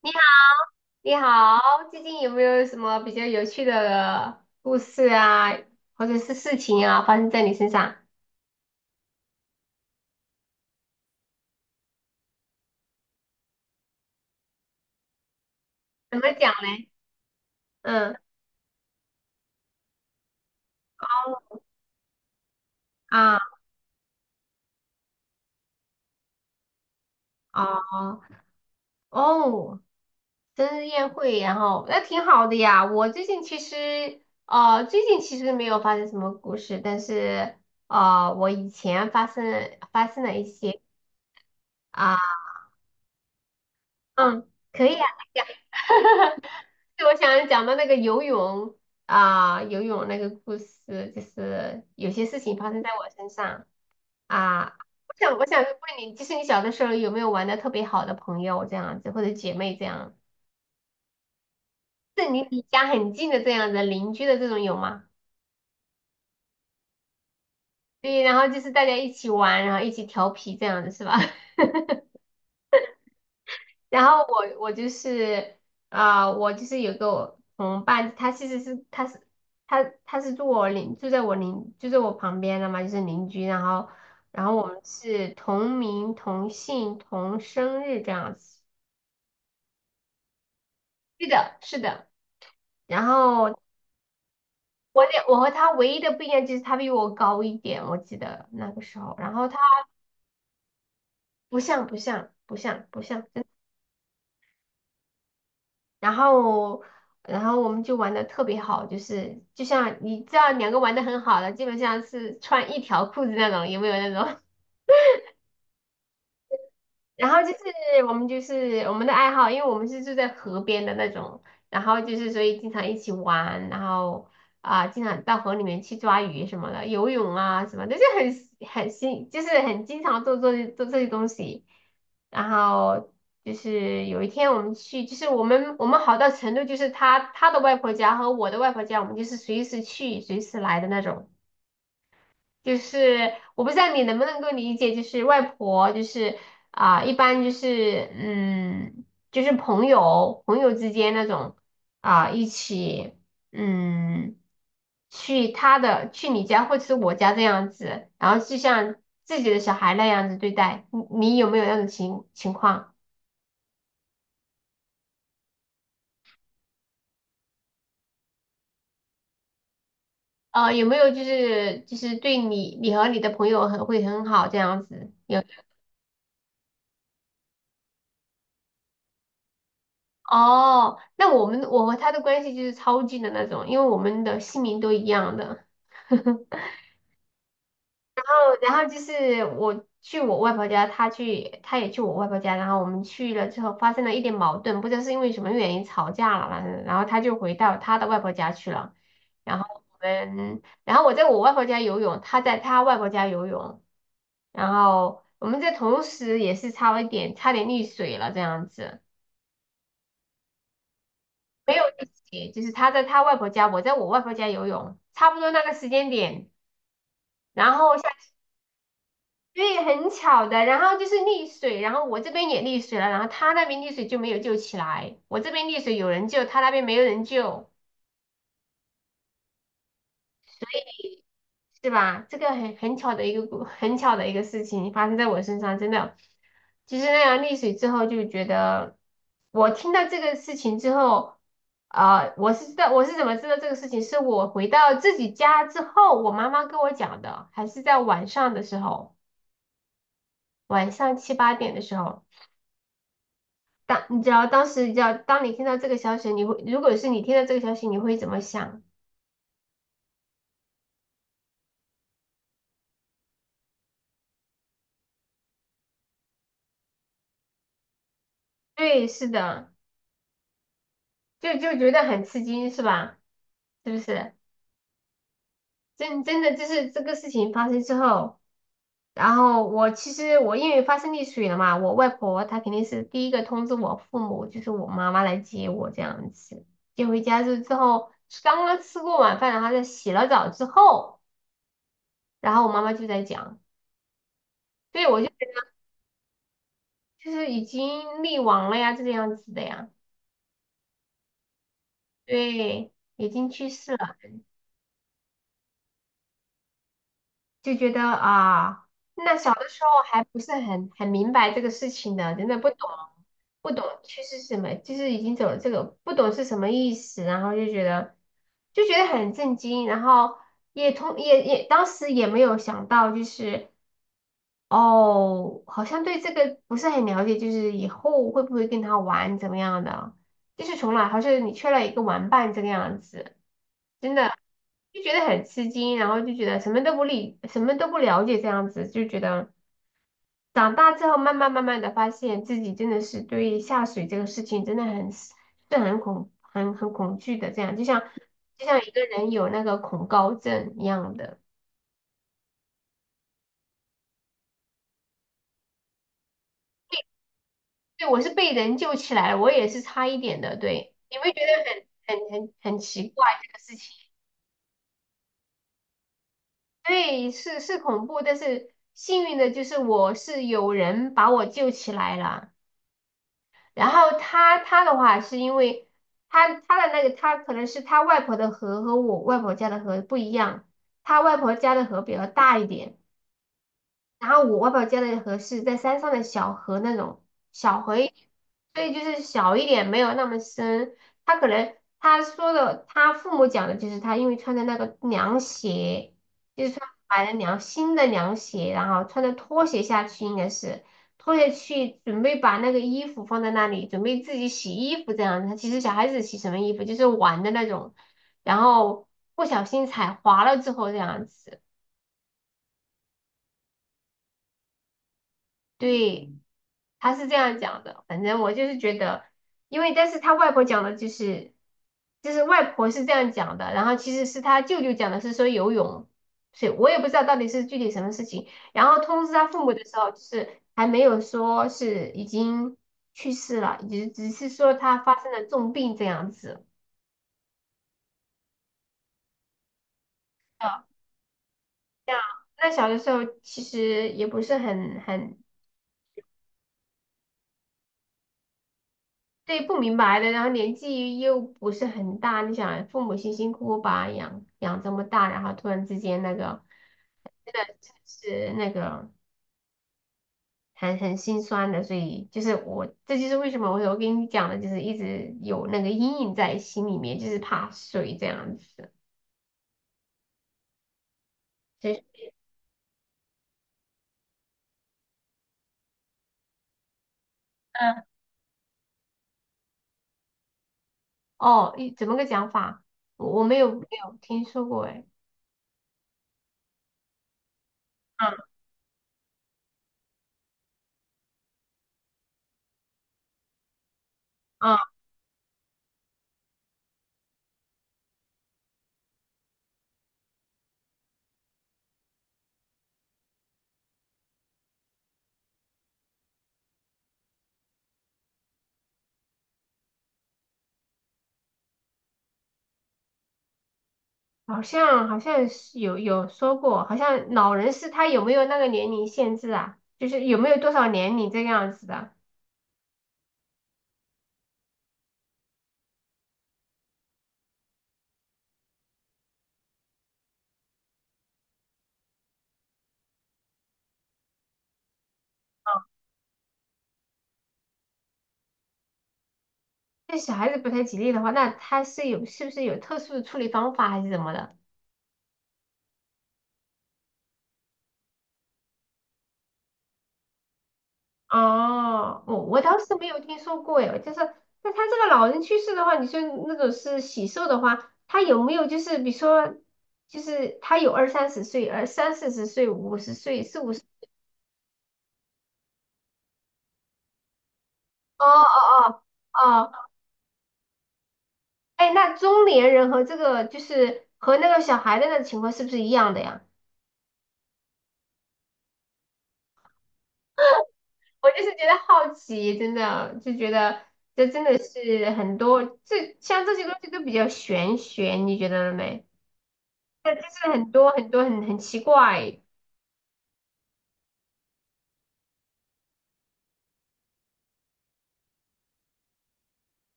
你好，你好，最近有没有什么比较有趣的故事啊，或者是事情啊，发生在你身上？怎么讲嘞？嗯。啊。哦。哦。生日宴会，然后那挺好的呀。我最近其实，哦，最近其实没有发生什么故事，但是，我以前发生了一些啊。嗯，可以啊，可以啊。 对，我想讲的那个游泳那个故事，就是有些事情发生在我身上啊。我想问你，就是你小的时候有没有玩的特别好的朋友这样子，或者姐妹这样，是你离家很近的这样子，邻居的这种有吗？对，然后就是大家一起玩，然后一起调皮这样子是吧？然后我我就是有个我同伴，他其实是他是他他是住我邻住在我邻就在我旁边的嘛，就是邻居。然后然后我们是同名同姓同生日这样子。是的，是的。然后我和他唯一的不一样就是他比我高一点，我记得那个时候。然后他不像不像不像不像。然后然后我们就玩的特别好，就像你知道两个玩的很好的，基本上是穿一条裤子那种，有没有那种？然后就是我们的爱好，因为我们是住在河边的那种，然后就是所以经常一起玩，然后经常到河里面去抓鱼什么的，游泳啊什么的，就很新，就是很经常做这些东西。然后就是有一天我们去，就是我们好到程度，就是他的外婆家和我的外婆家，我们就是随时去随时来的那种。就是我不知道你能不能够理解，就是外婆，就是一般就是，就是朋友之间那种一起嗯，去他的去你家或者是我家这样子，然后就像自己的小孩那样子对待，你有没有那种情况？有没有就是对你和你的朋友很好这样子？有？哦，那我和他的关系就是超近的那种，因为我们的姓名都一样的。然后就是我去我外婆家，他也去我外婆家，然后我们去了之后发生了一点矛盾，不知道是因为什么原因吵架了，反正然后他就回到他的外婆家去了，然后然后我在我外婆家游泳，他在他外婆家游泳，然后我们在同时也是差点溺水了这样子。就是他在他外婆家，我在我外婆家游泳，差不多那个时间点，然后下，对，很巧的，然后就是溺水，然后我这边也溺水了，然后他那边溺水就没有救起来，我这边溺水有人救，他那边没有人救，是吧？这个很巧的一个故，很巧的一个事情发生在我身上，真的。其实那样溺水之后，就觉得我听到这个事情之后，啊，我是怎么知道这个事情，是我回到自己家之后，我妈妈跟我讲的，还是在晚上的时候，晚上七八点的时候。当你知道当时，你知道当你听到这个消息，你会如果是你听到这个消息，你会怎么想？对，是的，就觉得很吃惊，是吧？是不是？真的就是这个事情发生之后，然后我其实我因为发生溺水了嘛，我外婆她肯定是第一个通知我父母，就是我妈妈来接我这样子。接回家之后，刚刚吃过晚饭，然后在洗了澡之后，然后我妈妈就在讲，对，我就就是已经溺亡了呀，这个样子的呀。对，已经去世了。就觉得啊，那小的时候还不是很明白这个事情的，真的不懂，不懂趋势是什么，就是已经走了这个，不懂是什么意思，然后就觉得很震惊，然后也同也也当时也没有想到，就是哦，好像对这个不是很了解，就是以后会不会跟他玩怎么样的，就是从来好像你缺了一个玩伴这个样子。真的就觉得很吃惊，然后就觉得什么都不理，什么都不了解，这样子就觉得长大之后慢慢慢慢的发现自己真的是对下水这个事情真的很是很恐很很恐惧的，这样就像一个人有那个恐高症一样的。对，我是被人救起来了，我也是差一点的。对，你会觉得很奇怪这个事情。对，是是恐怖，但是幸运的就是我是有人把我救起来了。然后他的话是因为他他的那个他可能是他外婆的河和我外婆家的河不一样，他外婆家的河比较大一点。然后我外婆家的河是在山上的小河那种小河一点，所以就是小一点，没有那么深。他可能他说的，他父母讲的就是他因为穿的那个凉鞋，就是买了新的凉鞋，然后穿着拖鞋下去，应该是拖鞋去准备把那个衣服放在那里，准备自己洗衣服这样子。他其实小孩子洗什么衣服就是玩的那种，然后不小心踩滑了之后这样子。对，他是这样讲的。反正我就是觉得，但是他外婆讲的就是，就是外婆是这样讲的，然后其实是他舅舅讲的是说游泳，所以我也不知道到底是具体什么事情。然后通知他父母的时候，就是还没有说是已经去世了，只是说他发生了重病这样子。啊，那小的时候其实也不是对，不明白的，然后年纪又不是很大，你想父母辛辛苦苦把他养这么大，然后突然之间那个，真的是那个很心酸的，所以就是我，这就是为什么我跟你讲的，就是一直有那个阴影在心里面，就是怕水这样子。就是嗯，哦，怎么个讲法？我没有听说过哎。嗯，好像是有说过，好像老人是他有没有那个年龄限制啊？就是有没有多少年龄这个样子的？那小孩子不太吉利的话，那他是不是有特殊的处理方法还是怎么的？哦，我倒是没有听说过耶，就是那他这个老人去世的话，你说那种是喜寿的话，他有没有就是比如说，就是他有二三十岁，而三四十岁、五十岁、四五十，哦哦哦哦。哎，那中年人和和那个小孩的那个情况是不是一样的呀？我就是觉得好奇，真的就觉得这真的是很多，像这些东西都比较玄学，你觉得了没？对，就是很多很多很奇怪。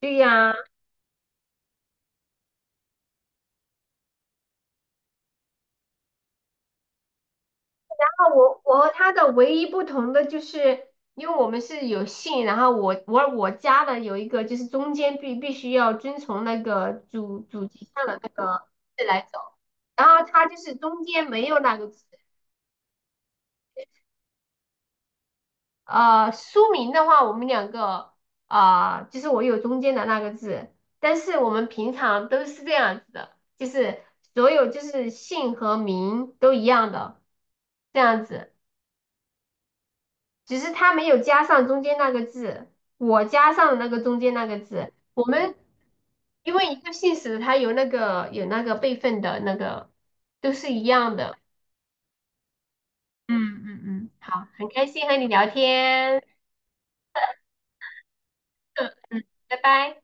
对呀、我和他的唯一不同的就是，因为我们是有姓，然后我家的有一个就是中间必须要遵从那个祖籍上的那个字来走，然后他就是中间没有那个字。书名的话，我们两个啊就是我有中间的那个字，但是我们平常都是这样子的，就是所有就是姓和名都一样的这样子。只是他没有加上中间那个字，我加上了那个中间那个字。我们因为一个姓氏，它有那个辈分的那个，都是一样的。嗯嗯嗯，好，很开心和你聊天。嗯嗯，拜拜。